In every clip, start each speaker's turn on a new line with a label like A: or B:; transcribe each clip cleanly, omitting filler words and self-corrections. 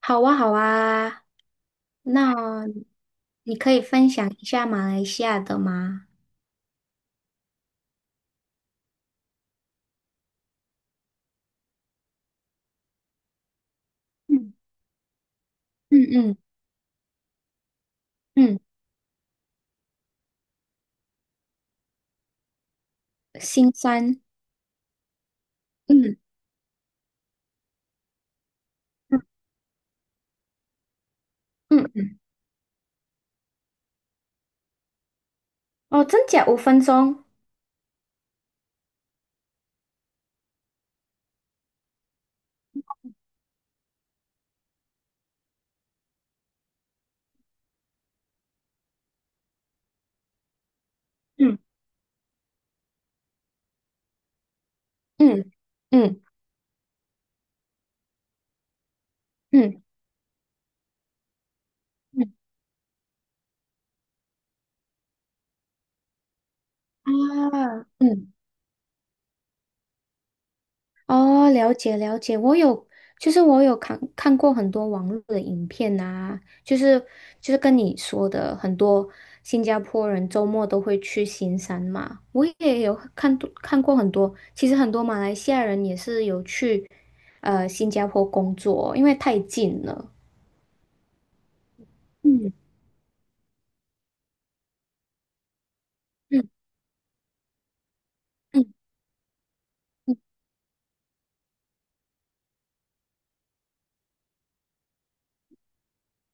A: 好啊，好啊，那你可以分享一下马来西亚的吗？嗯嗯嗯嗯，新山，嗯嗯嗯嗯，哦，真假五分钟，嗯嗯嗯嗯嗯啊，嗯哦，了解了解，就是我有看过很多网络的影片啊，就是跟你说的，很多新加坡人周末都会去行山嘛，我也有看过很多，其实很多马来西亚人也是有去新加坡工作，因为太近了。嗯嗯嗯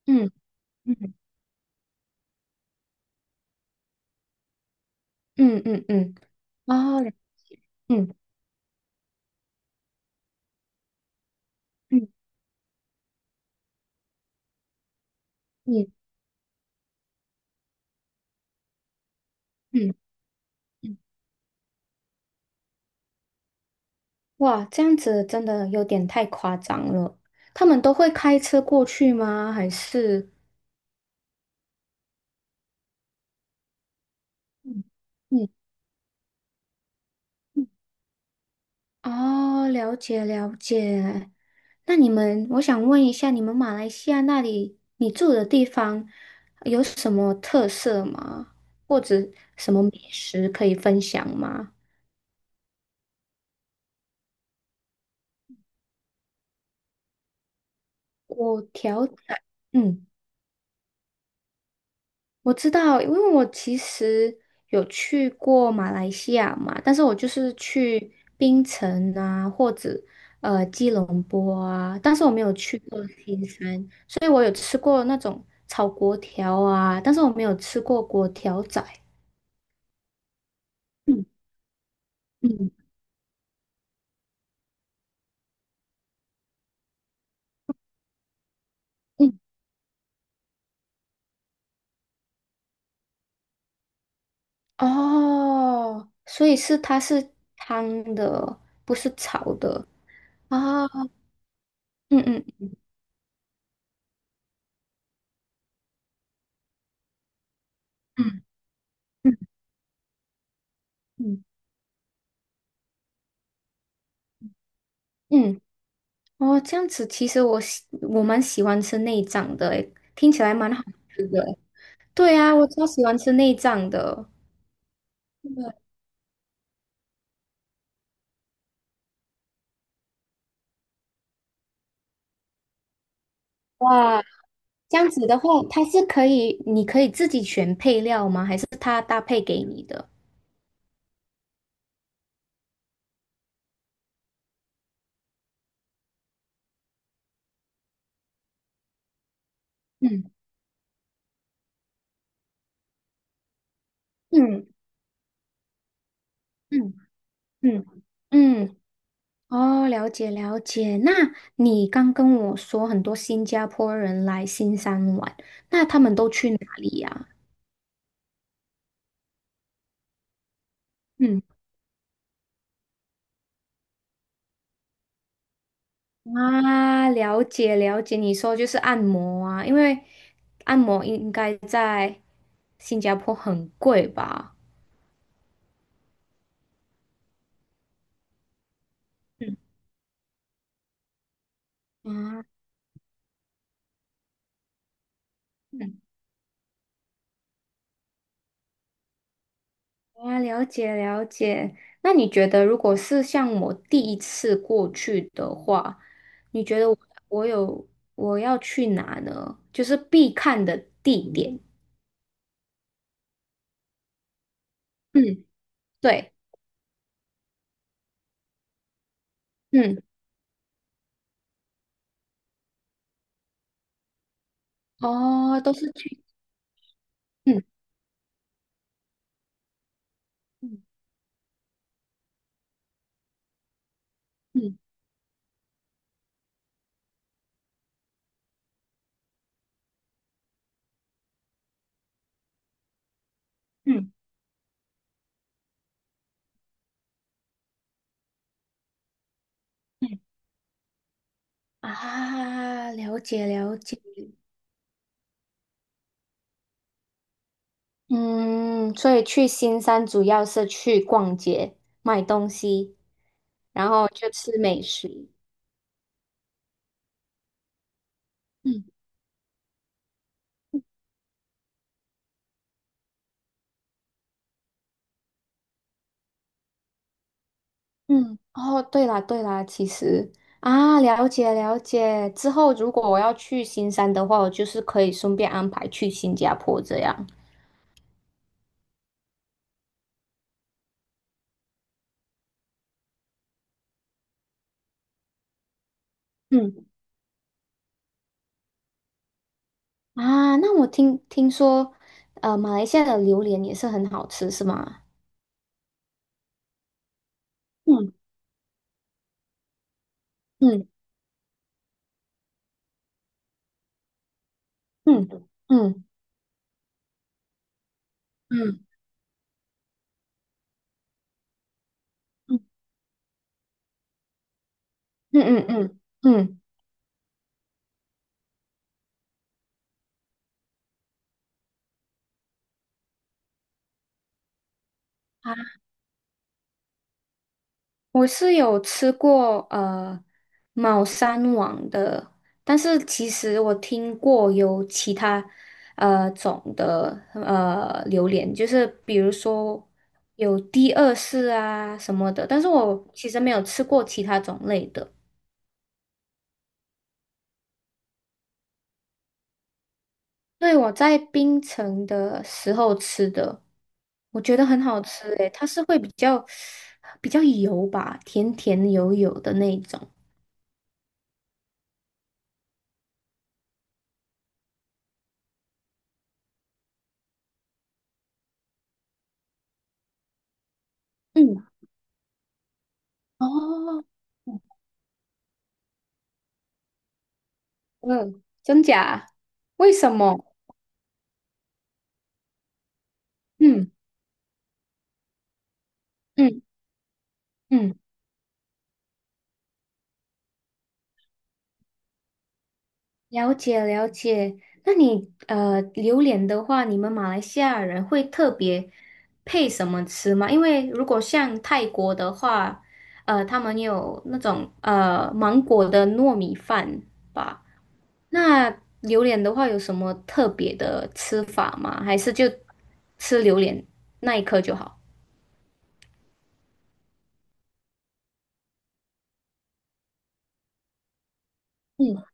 A: 嗯嗯嗯嗯嗯嗯，哦，嗯嗯嗯嗯嗯。哇，这样子真的有点太夸张了。他们都会开车过去吗？还是？嗯嗯，嗯哦，了解了解。那你们，我想问一下，你们马来西亚那里，你住的地方有什么特色吗？或者什么美食可以分享吗？我调，嗯。我知道，因为我其实有去过马来西亚嘛，但是我就是去槟城啊，或者吉隆坡啊，但是我没有去过新山，所以我有吃过那种炒粿条啊，但是我没有吃过粿条仔。嗯嗯嗯，哦，所以它是汤的，不是炒的啊。嗯嗯嗯嗯嗯嗯。哦，这样子，其实我蛮喜欢吃内脏的，诶，听起来蛮好吃的诶。对啊，我超喜欢吃内脏的。对哇，这样子的话，它是可以，你可以自己选配料吗？还是它搭配给你的？嗯嗯嗯嗯嗯，哦，了解了解。那你刚跟我说很多新加坡人来新山玩，那他们都去哪里呀？嗯。啊，了解了解，你说就是按摩啊，因为按摩应该在新加坡很贵吧？嗯啊，嗯啊，了解了解。那你觉得，如果是像我第一次过去的话，你觉得我有我要去哪呢？就是必看的地点。嗯，对，嗯，哦，都是去，嗯嗯嗯嗯嗯啊，了解了解。嗯，所以去新山主要是去逛街、买东西，然后就吃美食。嗯嗯，哦，对啦对啦，其实啊，了解了解。之后如果我要去新山的话，我就是可以顺便安排去新加坡这样。嗯啊，那我听说，马来西亚的榴莲也是很好吃，是吗？嗯嗯嗯嗯嗯嗯嗯嗯嗯嗯。嗯嗯我是有吃过猫山王的，但是其实我听过有其他种的榴莲，就是比如说有第二世啊什么的，但是我其实没有吃过其他种类的。对，我在槟城的时候吃的，我觉得很好吃诶，它是会比较油吧，甜甜油油的那一种。嗯。哦，嗯，真假？为什么？嗯嗯嗯，了解了解。那你榴莲的话，你们马来西亚人会特别配什么吃吗？因为如果像泰国的话，他们有那种芒果的糯米饭吧。那榴莲的话，有什么特别的吃法吗？还是就吃榴莲那一颗就好？嗯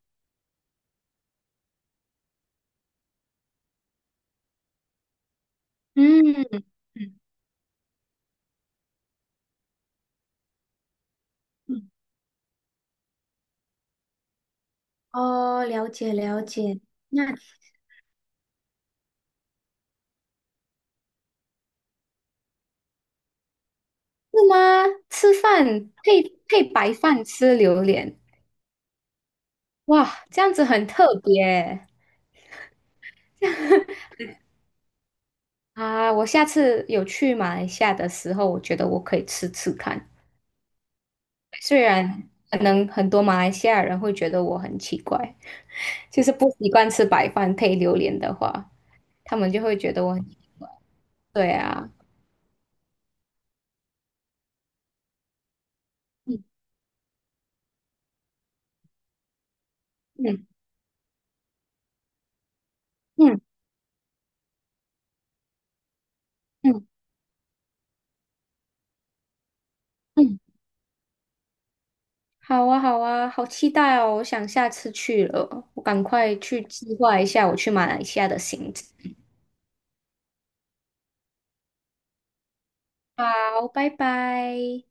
A: 嗯。哦，了解了解。那是吗？吃饭配配白饭吃榴莲，哇，这样子很特别啊！我下次有去马来西亚的时候，我觉得我可以吃吃看。虽然可能很多马来西亚人会觉得我很奇怪，就是不习惯吃白饭配榴莲的话，他们就会觉得我很……对啊，嗯嗯嗯嗯嗯。好啊，好啊，好期待哦！我想下次去了，我赶快去计划一下我去马来西亚的行程。好，拜拜。